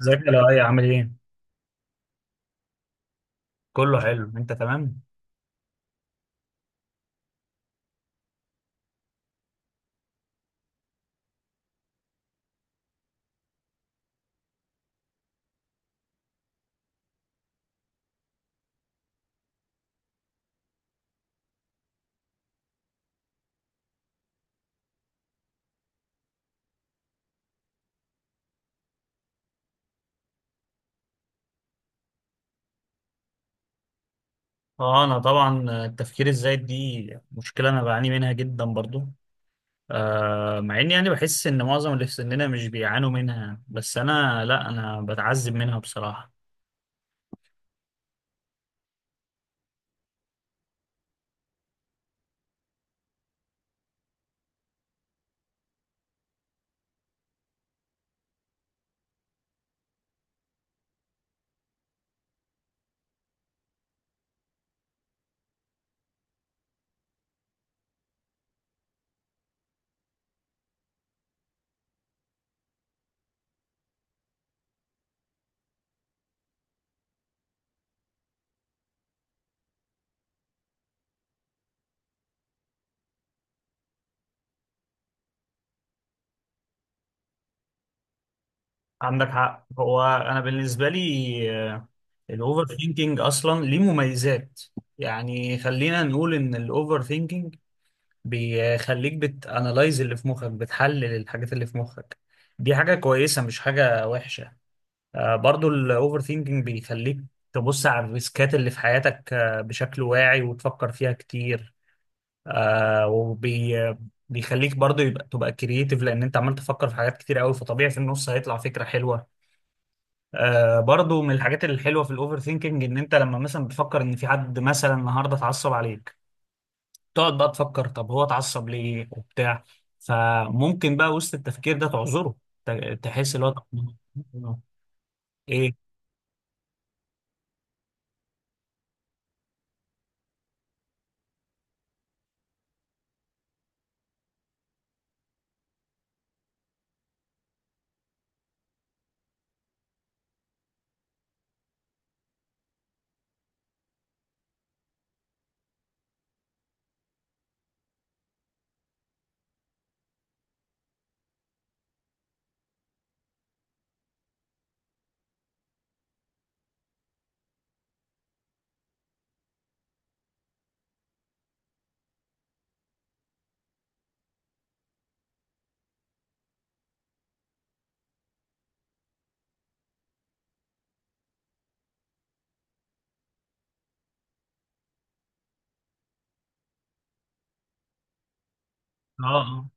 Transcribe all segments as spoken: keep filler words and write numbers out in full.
ازيك يا لؤي، عامل ايه؟ كله حلو، انت تمام؟ اه انا طبعا التفكير الزايد دي مشكله، انا بعاني منها جدا برضو. آه مع اني يعني بحس ان معظم اللي في سننا مش بيعانوا منها، بس انا لا، انا بتعذب منها بصراحه. عندك حق، هو انا بالنسبه لي الاوفر ثينكينج اصلا ليه مميزات. يعني خلينا نقول ان الاوفر ثينكينج بيخليك بتانالايز اللي في مخك، بتحلل الحاجات اللي في مخك. دي حاجه كويسه، مش حاجه وحشه. آه، برضو الاوفر ثينكينج بيخليك تبص على الريسكات اللي في حياتك آه، بشكل واعي وتفكر فيها كتير. آه، وبي بيخليك برضو يبقى تبقى كرييتيف، لان انت عمال تفكر في حاجات كتير قوي، فطبيعي في النص هيطلع فكرة حلوة. آه، برضو من الحاجات الحلوة في الاوفر ثينكينج ان انت لما مثلا بتفكر ان في حد مثلا النهارده اتعصب عليك، تقعد بقى تفكر طب هو اتعصب ليه وبتاع، فممكن بقى وسط التفكير ده تعذره. ت- تحس اللي هو طب- ايه. اه آه.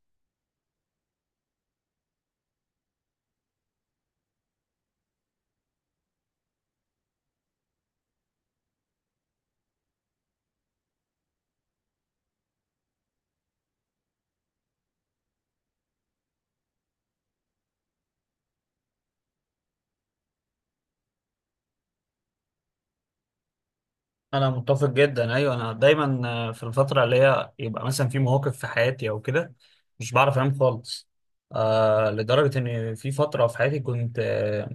انا متفق جدا، ايوه انا دايما آه، في الفتره اللي هي يبقى مثلا في مواقف في حياتي او كده مش بعرف انام خالص. آه لدرجه ان في فتره في حياتي كنت، آه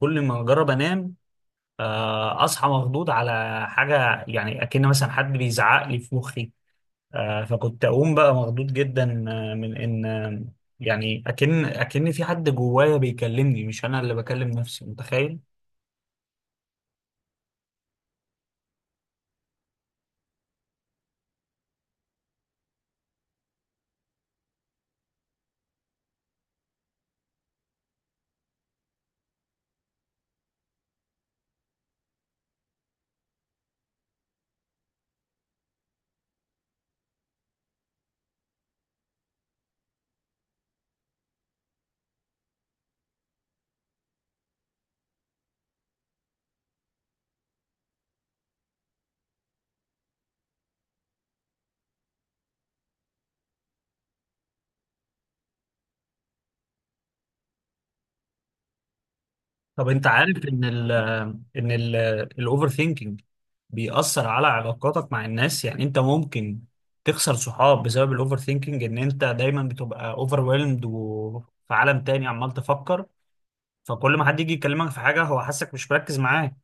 كل ما اجرب انام آه اصحى مخضوض على حاجه، يعني اكن مثلا حد بيزعق لي في مخي. آه فكنت اقوم بقى مخضوض جدا آه، من ان آه، يعني اكن اكن في حد جوايا بيكلمني، مش انا اللي بكلم نفسي، متخيل. طب انت عارف ان ال ان ال الاوفر ثينكينج بيأثر على علاقاتك مع الناس. يعني انت ممكن تخسر صحاب بسبب الاوفر ثينكينج، ان انت دايما بتبقى اوفرويلمد وفي عالم تاني عمال تفكر. فكل ما حد يجي يكلمك في حاجة هو حاسك مش مركز معاه،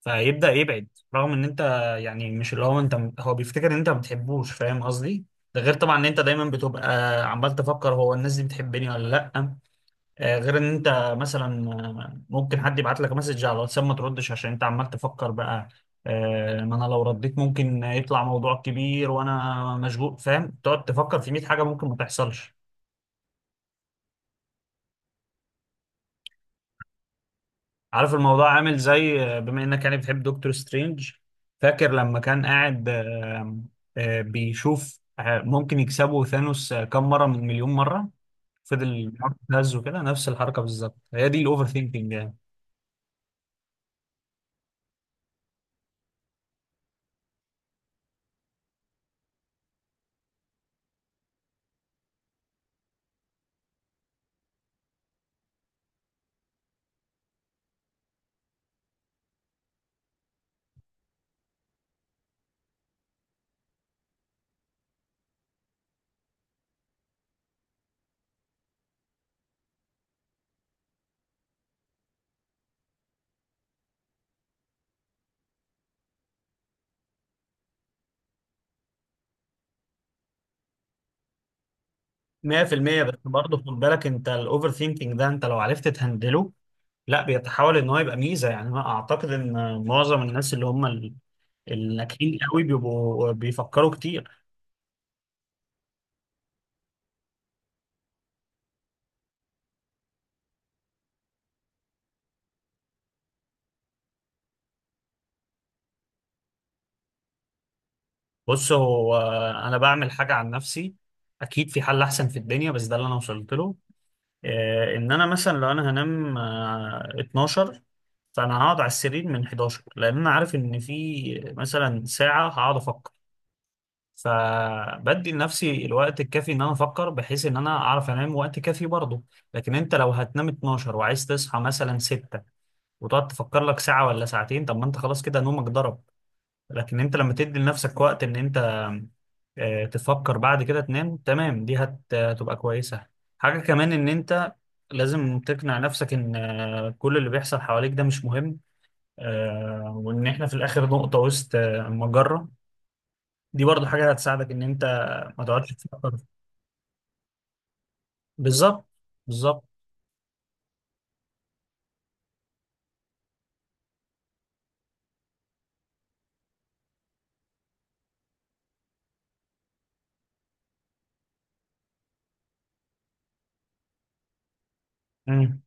فيبدأ يبعد، رغم ان انت يعني مش اللي هو انت، هو بيفتكر ان انت ما بتحبوش، فاهم قصدي. ده غير طبعا ان انت دايما بتبقى عمال تفكر هو الناس دي بتحبني ولا لا. آه، غير ان انت مثلا، آه، ممكن حد يبعت لك مسج على الواتساب ما تردش عشان انت عمال تفكر بقى. آه، ما انا لو رديت ممكن يطلع موضوع كبير وانا مشغول، فاهم، تقعد تفكر في مية حاجه ممكن ما تحصلش. عارف الموضوع عامل زي، آه، بما انك يعني بتحب دكتور سترينج، فاكر لما كان قاعد آه، آه، بيشوف آه، ممكن يكسبوا ثانوس آه، كم مره من مليون مره، فضل يهز وكده. نفس الحركه بالظبط، هي دي الاوفر ثينكينج. مية في المية. بس برضه خد بالك انت الاوفر ثينكينج ده انت لو عرفت تهندله، لا بيتحول ان هو يبقى ميزة. يعني انا اعتقد ان معظم الناس اللي هم ال- الناجحين قوي بيبقوا بيفكروا كتير. بص هو انا بعمل حاجة عن نفسي، اكيد في حل احسن في الدنيا بس ده اللي انا وصلت له. اه، ان انا مثلا لو انا هنام اه، اتناشر، فانا هقعد على السرير من احداشر، لان انا عارف ان في مثلا ساعة هقعد افكر. فبدي لنفسي الوقت الكافي ان انا افكر، بحيث ان انا اعرف انام وقت كافي برضه. لكن انت لو هتنام اتناشر وعايز تصحى مثلا ستة، وتقعد تفكر لك ساعة ولا ساعتين، طب ما انت خلاص كده نومك ضرب. لكن انت لما تدي لنفسك وقت ان انت آه، تفكر بعد كده تنام تمام، دي هت- هتبقى كويسة. حاجة كمان ان انت لازم تقنع نفسك ان آه، كل اللي بيحصل حواليك ده مش مهم. آه، وان احنا في الاخر نقطة وسط آه، مجرة. دي برضو حاجة هتساعدك إن أنت ما تقعدش تفكر. بالظبط، بالظبط. مم.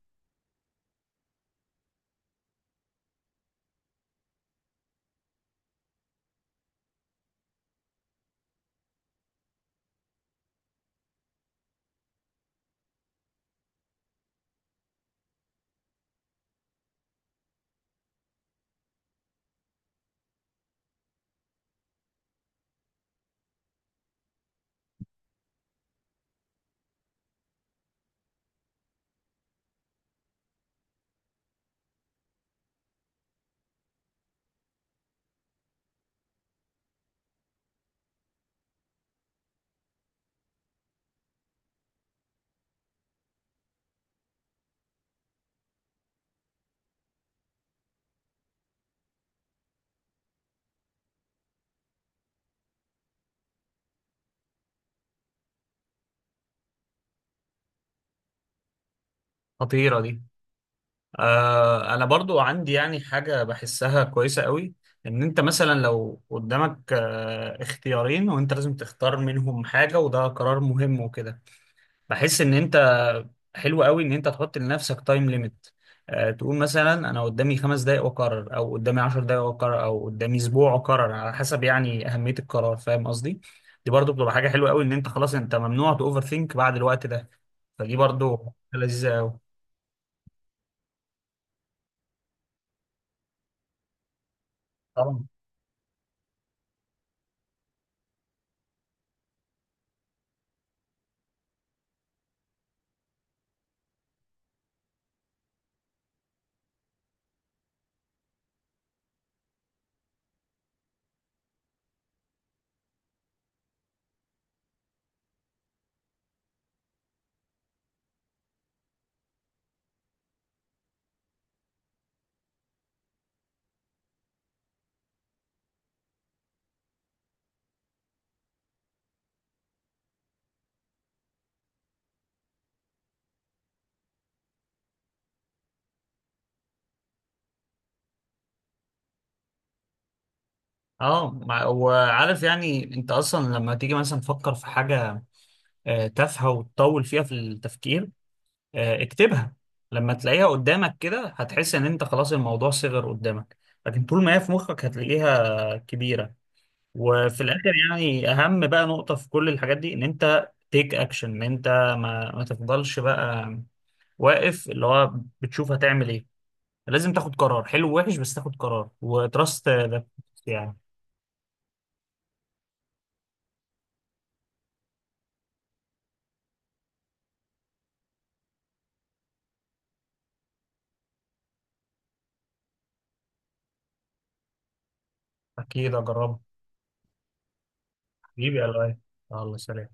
خطيرة دي. آه أنا برضو عندي يعني حاجة بحسها كويسة قوي، إن أنت مثلا لو قدامك آه اختيارين وأنت لازم تختار منهم حاجة وده قرار مهم وكده، بحس ان انت حلو قوي ان انت تحط لنفسك تايم ليميت. تقول مثلا انا قدامي خمس دقايق واقرر، او قدامي عشر دقايق واقرر، او قدامي اسبوع واقرر، على حسب يعني اهمية القرار، فاهم قصدي. دي برضو بتبقى حاجة حلوة قوي، ان انت خلاص انت ممنوع تأوفر ثينك بعد الوقت ده. فدي برضو حاجة لذيذة قوي. طبعا. اه مع- وعارف يعني انت اصلا لما تيجي مثلا تفكر في حاجة آه، تافهة وتطول فيها في التفكير، آه، اكتبها. لما تلاقيها قدامك كده هتحس ان انت خلاص الموضوع صغر قدامك، لكن طول ما هي في مخك هتلاقيها كبيرة. وفي الاخر يعني اهم بقى نقطة في كل الحاجات دي ان انت تيك اكشن، ان انت ما, ما تفضلش بقى واقف اللي هو بتشوف هتعمل ايه. لازم تاخد قرار حلو ووحش، بس تاخد قرار وتراست ده يعني. اكيد اجربه. حبيبي يا لؤي، الله سلام.